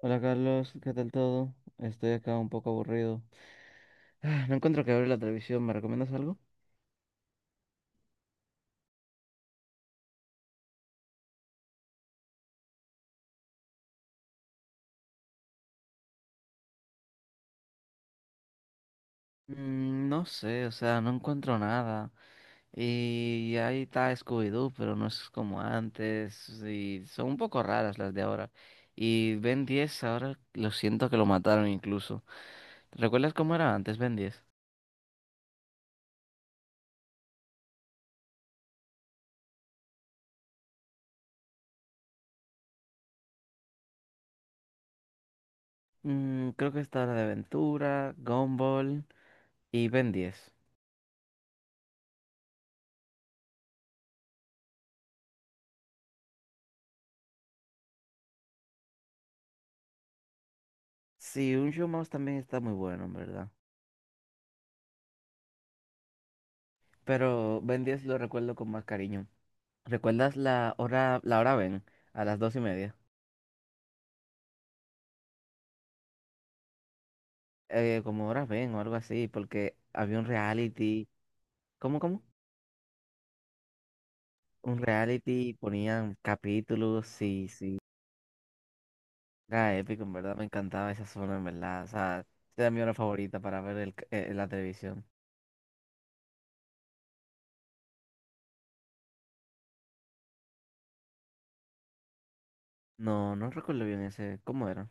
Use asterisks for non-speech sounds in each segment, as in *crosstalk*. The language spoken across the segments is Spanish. Hola Carlos, ¿qué tal todo? Estoy acá un poco aburrido. No encuentro que abrir la televisión, ¿me recomiendas algo? No sé, o sea, no encuentro nada. Y ahí está Scooby-Doo, pero no es como antes. Y son un poco raras las de ahora. Y Ben 10 ahora lo siento que lo mataron incluso. ¿Recuerdas cómo era antes Ben 10? Creo que está Hora de Aventura, Gumball y Ben 10. Sí, un show más también está muy bueno, en verdad. Pero Ben 10 lo recuerdo con más cariño. ¿Recuerdas la hora Ben? A las dos y media. Como hora Ben o algo así, porque había un reality. ¿Cómo, cómo? Un reality, ponían capítulos, sí, sí. Era épico, en verdad, me encantaba esa zona, en verdad. O sea, era mi hora favorita para ver la televisión. No, no recuerdo bien ese. ¿Cómo era?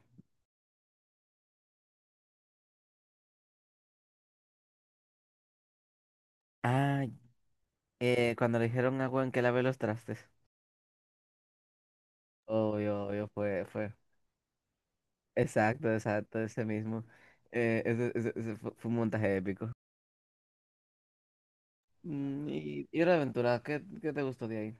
Ah, Cuando le dijeron a Juan que lave los trastes. Obvio, obvio, fue, fue. Exacto, exacto, ese mismo. Fue un montaje épico. Y la aventura, ¿qué, qué te gustó de ahí?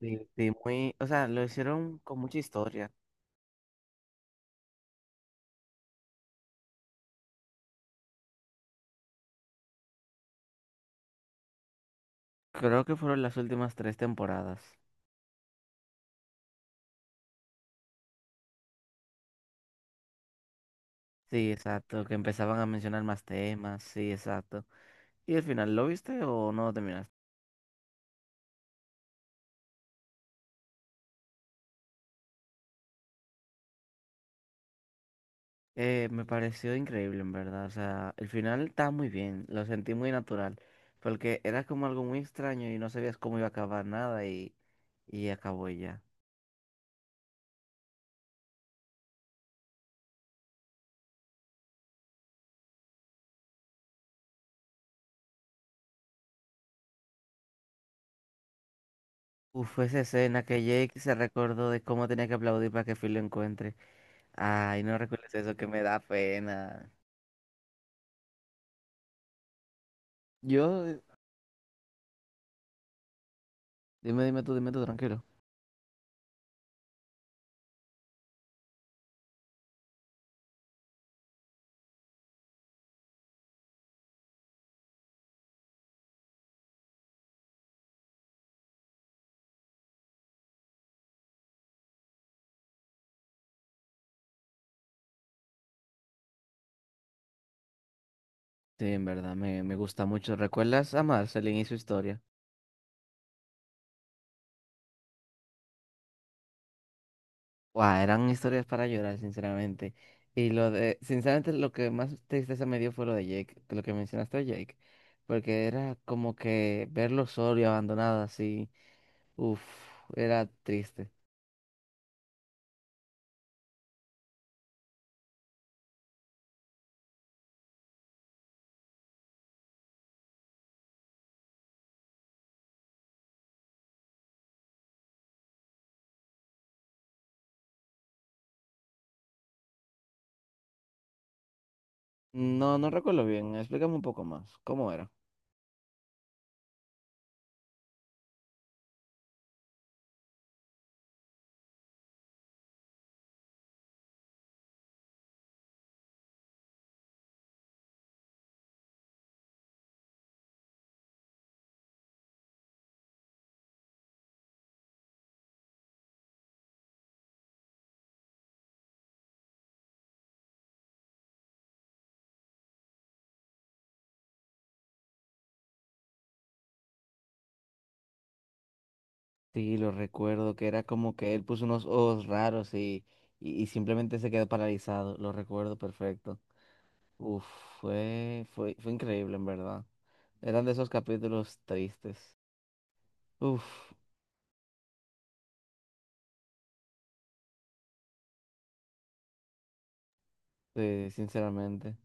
Sí, sí, muy, o sea, lo hicieron con mucha historia. Creo que fueron las últimas tres temporadas. Sí, exacto, que empezaban a mencionar más temas, sí, exacto. ¿Y el final lo viste o no lo terminaste? Me pareció increíble, en verdad. O sea, el final estaba muy bien, lo sentí muy natural, porque era como algo muy extraño y no sabías cómo iba a acabar nada y acabó y ya. Uf, esa escena que Jake se recordó de cómo tenía que aplaudir para que Phil lo encuentre. Ay, no recuerdes eso, que me da pena. Yo, dime, dime tú, tranquilo. Sí, en verdad, me gusta mucho. ¿Recuerdas a Marceline y su historia? Guau, eran historias para llorar, sinceramente. Y lo de, sinceramente, lo que más tristeza me dio fue lo de Jake, lo que mencionaste de Jake. Porque era como que verlo solo y abandonado así. Uf, era triste. No, no recuerdo bien. Explícame un poco más. ¿Cómo era? Sí, lo recuerdo, que era como que él puso unos ojos raros y simplemente se quedó paralizado, lo recuerdo perfecto. Uf, fue increíble en verdad. Eran de esos capítulos tristes. Uf, sinceramente.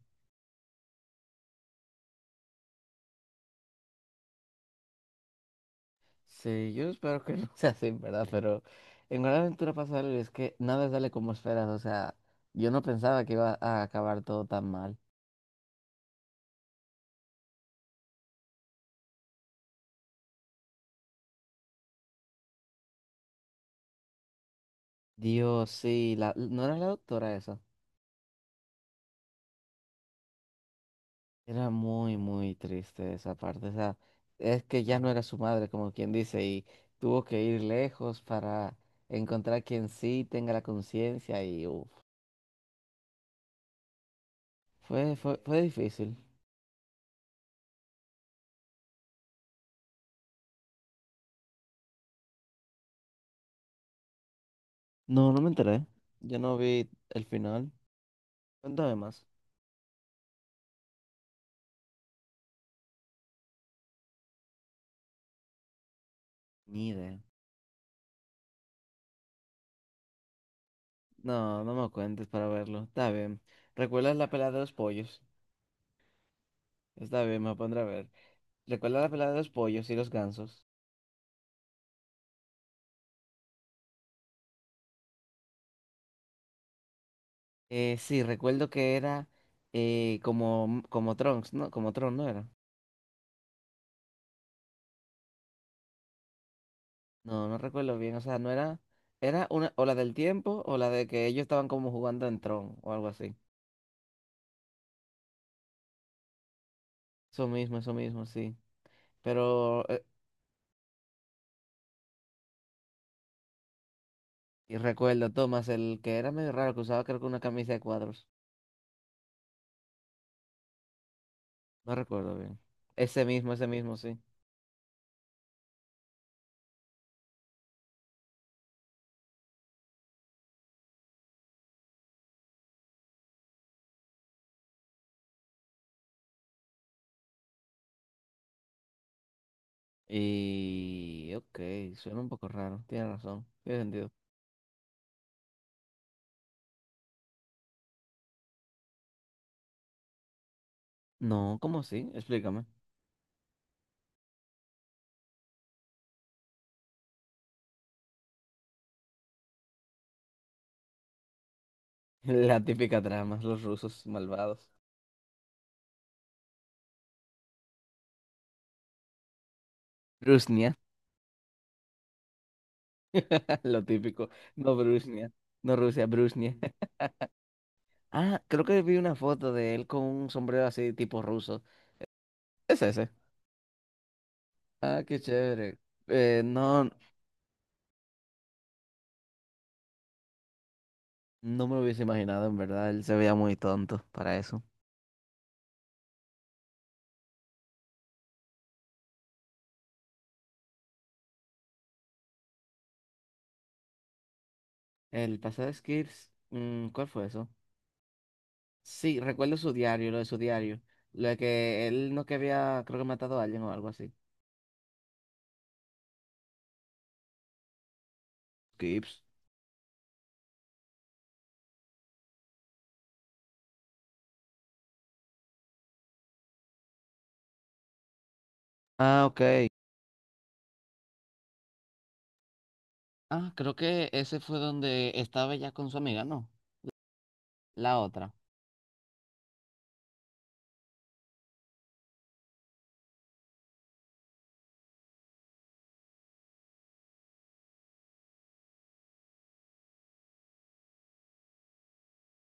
Sí, yo espero que *laughs* no sea así, ¿en verdad? Pero en Gran Aventura pasa algo y es que nada sale como esperas, o sea, yo no pensaba que iba a acabar todo tan mal. Dios, sí, la, ¿no era la doctora esa? Era muy, muy triste esa parte. O sea, es que ya no era su madre, como quien dice, y tuvo que ir lejos para encontrar quien sí tenga la conciencia y uf. Fue difícil. No, no me enteré. Yo no vi el final. Cuéntame más. Ni idea. No, no me cuentes para verlo. Está bien. ¿Recuerdas la pelea de los pollos? Está bien, me pondré a ver. ¿Recuerdas la pelea de los pollos y los gansos? Sí, recuerdo que era como, como Trunks, ¿no? Como Tron, ¿no era? No, no recuerdo bien, o sea, no era, era una, o la del tiempo, o la de que ellos estaban como jugando en Tron, o algo así. Eso mismo, sí. Pero, y recuerdo, Thomas, el que era medio raro, que usaba creo que una camisa de cuadros. No recuerdo bien. Ese mismo, sí. Y, ok, suena un poco raro, tiene razón, tiene sentido. No, ¿cómo así? Explícame. *laughs* La típica trama, los rusos malvados. Brusnia, *laughs* lo típico. No Brusnia, no Rusia, Brusnia. Ah, creo que vi una foto de él con un sombrero así tipo ruso. Es ese. Ah, qué chévere. No, no me lo hubiese imaginado, en verdad. Él se veía muy tonto para eso. El pasado de Skirs, mm, ¿cuál fue eso? Sí, recuerdo su diario, lo de su diario. Lo de que él no que había, creo que matado a alguien o algo así. Skips. Ah, ok. Ah, creo que ese fue donde estaba ya con su amiga, ¿no? La otra.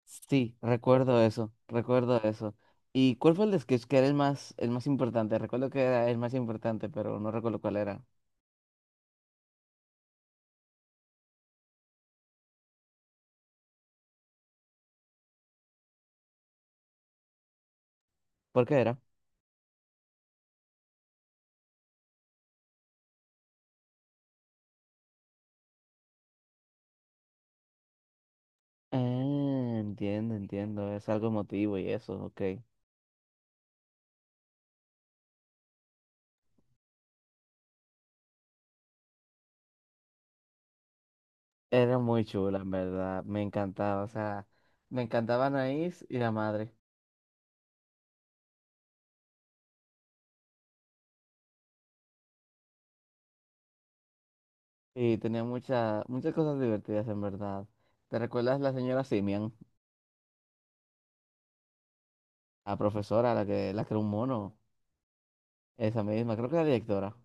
Sí, recuerdo eso, recuerdo eso. ¿Y cuál fue el de Sketch que era el más importante? Recuerdo que era el más importante, pero no recuerdo cuál era. ¿Por qué era? Ah, entiendo, entiendo. Es algo emotivo y eso, ok. Era muy chula, en verdad. Me encantaba. O sea, me encantaba Anaís y la madre. Y tenía muchas, muchas cosas divertidas, en verdad. ¿Te recuerdas la señora Simian? La profesora, la que era un mono. Esa misma, creo que era directora.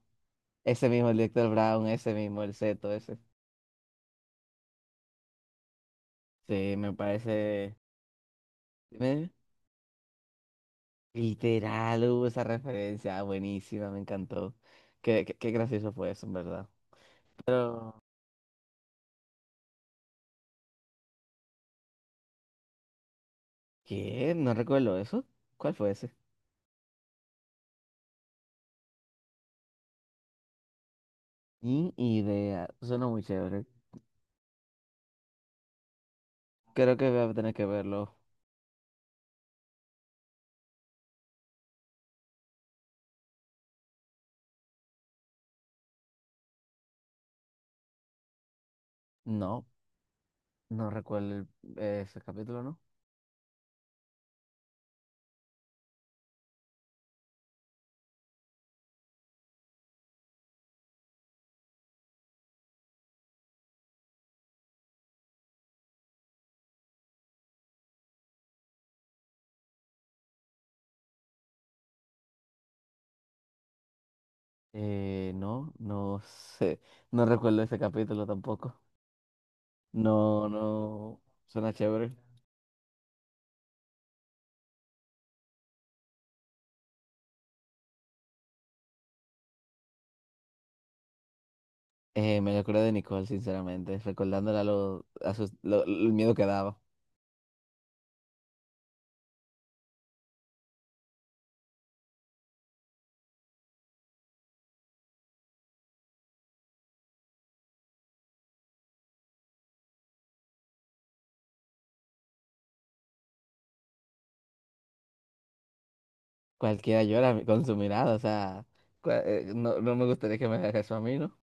Ese mismo, el director Brown, ese mismo, el Seto, ese. Sí, me parece me- literal, hubo esa referencia, buenísima, me encantó. Qué gracioso fue eso, en verdad. Pero, ¿qué? No recuerdo eso. ¿Cuál fue ese? Ni idea, suena muy chévere. Creo que voy a tener que verlo. No, no recuerdo el- Ese capítulo, ¿no? No sé. No recuerdo ese capítulo tampoco. No, no, suena chévere. Me acuerdo de Nicole, sinceramente, recordándole a, lo- a sus- lo- el miedo que daba. Cualquiera llora con su mirada, o sea, no, no me gustaría que me haga eso a mí, ¿no?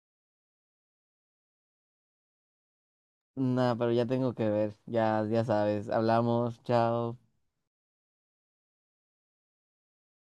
Nada, pero ya tengo que ver, ya, ya sabes, hablamos, chao.